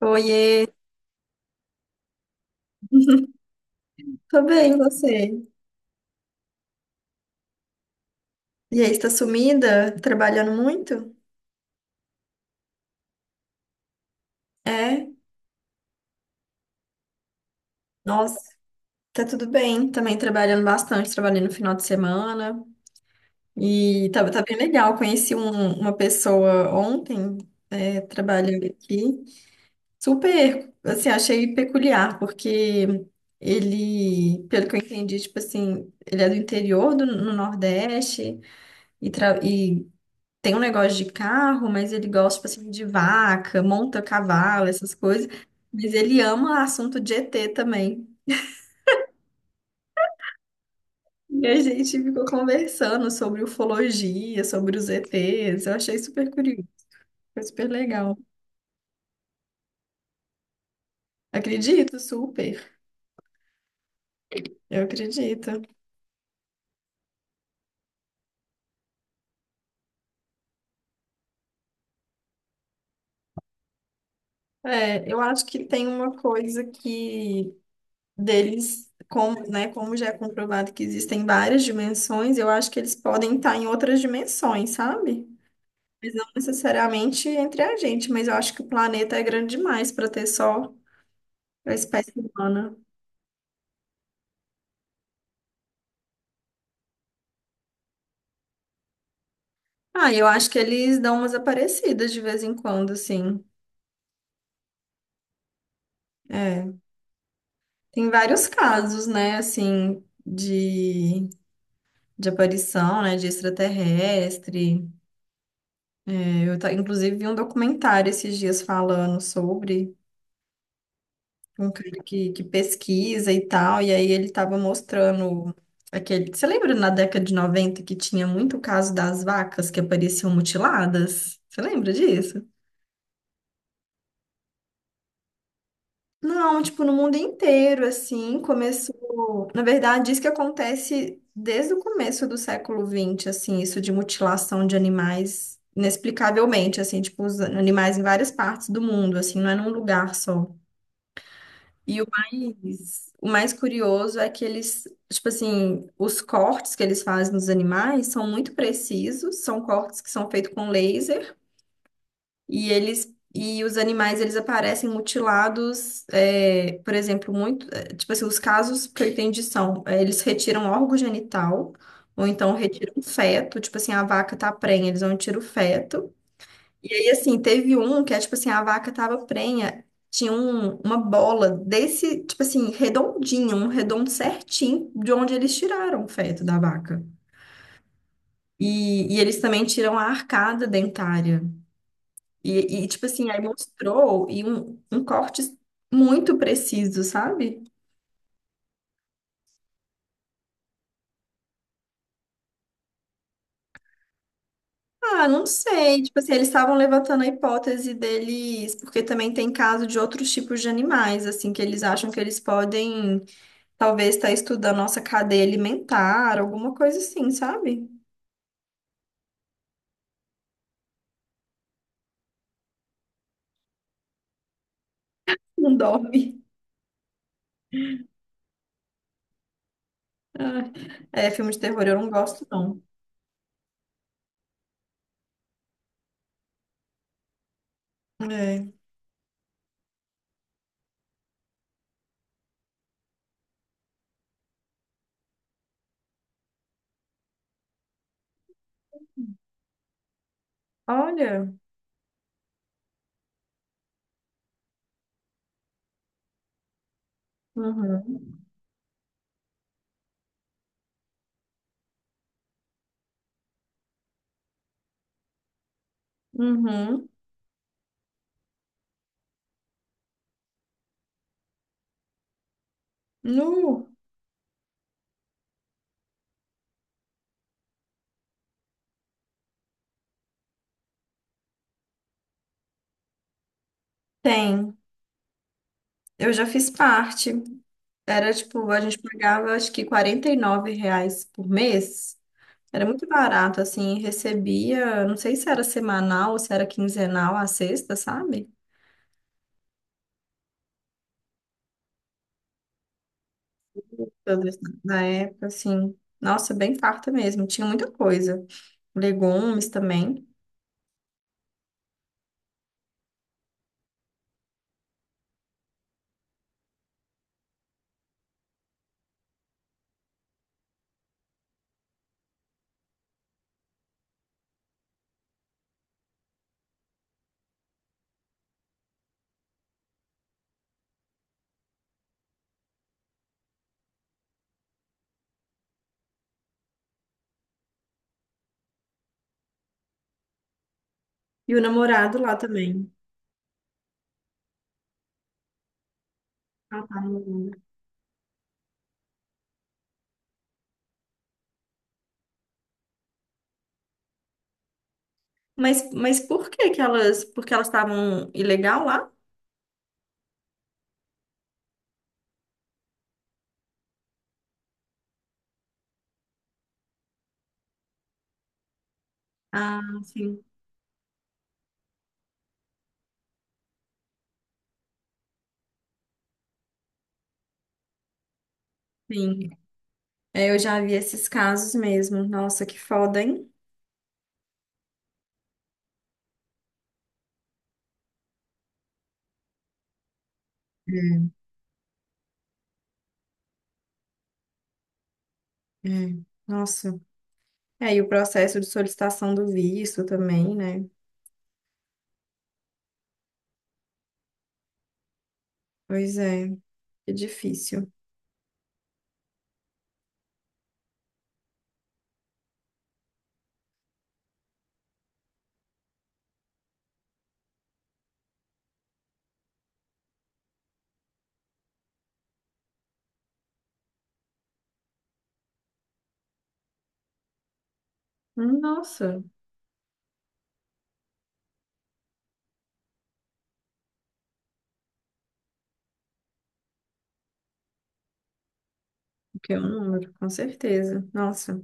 Oiê, tô bem, e você? E aí, está sumida? Trabalhando muito? É, nossa, tá tudo bem. Também trabalhando bastante, trabalhei no final de semana. E tá bem legal. Conheci uma pessoa ontem, trabalhando aqui. Super, assim, achei peculiar, porque ele, pelo que eu entendi, tipo assim, ele é do interior do, no Nordeste e, e tem um negócio de carro, mas ele gosta, tipo assim, de vaca, monta cavalo, essas coisas. Mas ele ama assunto de ET também. E a gente ficou conversando sobre ufologia, sobre os ETs. Eu achei super curioso, foi super legal. Acredito, super. Eu acredito. É, eu acho que tem uma coisa que deles, como, né, como já é comprovado que existem várias dimensões, eu acho que eles podem estar em outras dimensões, sabe? Mas não necessariamente entre a gente, mas eu acho que o planeta é grande demais para ter só a espécie humana. Ah, eu acho que eles dão umas aparecidas de vez em quando, assim. É. Tem vários casos, né, assim, de aparição, né, de extraterrestre. É, eu, inclusive, vi um documentário esses dias falando sobre. Um cara que pesquisa e tal, e aí ele tava mostrando aquele. Você lembra na década de 90 que tinha muito caso das vacas que apareciam mutiladas? Você lembra disso? Não, tipo, no mundo inteiro, assim, começou. Na verdade, isso que acontece desde o começo do século vinte assim, isso de mutilação de animais inexplicavelmente, assim, tipo, os animais em várias partes do mundo, assim, não é num lugar só. E o mais curioso é que eles, tipo assim, os cortes que eles fazem nos animais são muito precisos, são cortes que são feitos com laser, e eles e os animais eles aparecem mutilados, é, por exemplo, muito, é, tipo assim, os casos que eu entendi são, é, eles retiram órgão genital, ou então retiram feto, tipo assim, a vaca tá prenha, eles vão tirar o feto. E aí, assim, teve um que é tipo assim, a vaca tava prenha, tinha uma bola desse, tipo assim, redondinho, um redondo certinho de onde eles tiraram o feto da vaca. E eles também tiram a arcada dentária. Tipo assim, aí mostrou um corte muito preciso, sabe? Ah, não sei. Tipo assim, eles estavam levantando a hipótese deles, porque também tem caso de outros tipos de animais, assim, que eles acham que eles podem. Talvez tá estudando nossa cadeia alimentar, alguma coisa assim, sabe? Não dorme. Ai, é, filme de terror eu não gosto, não. É. Olha, uhum, uhum. Nu, tem. Eu já fiz parte. Era tipo, a gente pagava acho que R$ 49 por mês. Era muito barato, assim, recebia, não sei se era semanal ou se era quinzenal a sexta, sabe? Toda na época, assim. Nossa, bem farta mesmo. Tinha muita coisa. Legumes também. E o namorado lá também. Ah, tá, namorando. Mas por que que elas... Porque elas estavam ilegal lá? Ah, sim, sim. É, eu já vi esses casos mesmo. Nossa, que foda, hein? É, é. Nossa. É, e o processo de solicitação do visto também, né? Pois é, é difícil. Nossa, que é um número, com certeza. Nossa.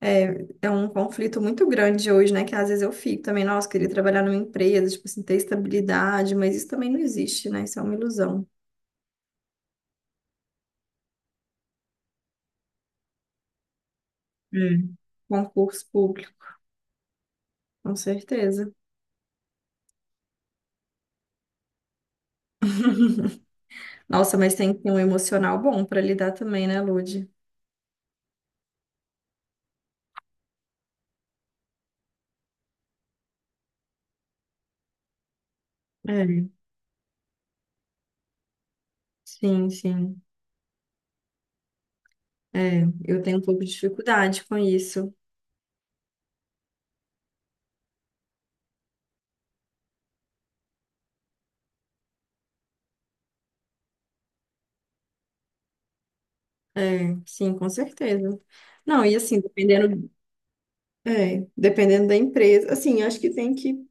É, é um conflito muito grande hoje, né? Que às vezes eu fico também, nossa, queria trabalhar numa empresa, tipo assim, ter estabilidade, mas isso também não existe, né? Isso é uma ilusão. Hum. Concurso público, com certeza. Nossa, mas tem que ter um emocional bom para lidar também, né, Lud? É, sim, sim. É, eu tenho um pouco de dificuldade com isso. É, sim, com certeza. Não, e assim, dependendo, é, dependendo da empresa, assim, acho que tem que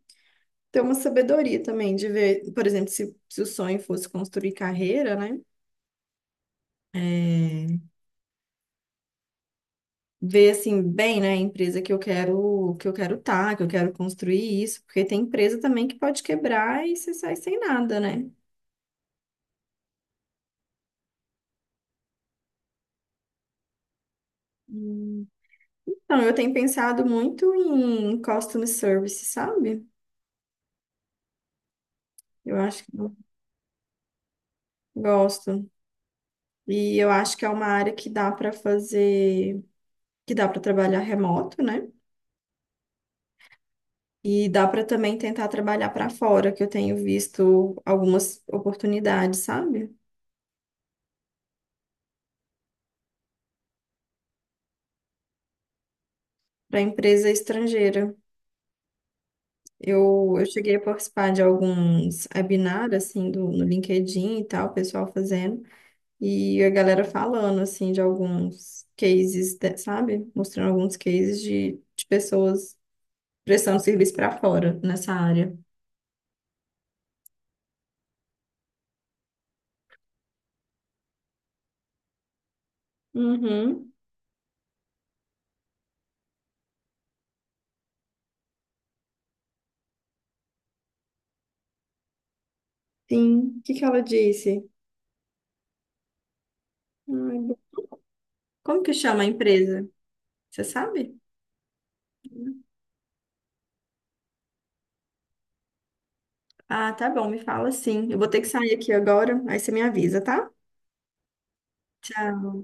ter uma sabedoria também de ver, por exemplo, se o sonho fosse construir carreira, né? É, ver assim bem, né, a empresa que eu quero estar, que eu quero construir isso, porque tem empresa também que pode quebrar e você sai sem nada, né? Hum, então, eu tenho pensado muito em customer service, sabe? Eu acho que eu gosto. E eu acho que é uma área que dá para fazer, que dá para trabalhar remoto, né? E dá para também tentar trabalhar para fora, que eu tenho visto algumas oportunidades, sabe? Para empresa estrangeira. Eu cheguei a participar de alguns webinars, assim, do, no LinkedIn e tal, o pessoal fazendo, e a galera falando, assim, de alguns cases, de- sabe? Mostrando alguns cases de pessoas prestando serviço para fora nessa área. Uhum, sim. O que que ela disse? Ai, bo- Como que chama a empresa? Você sabe? Ah, tá bom, me fala sim. Eu vou ter que sair aqui agora, aí você me avisa, tá? Tchau.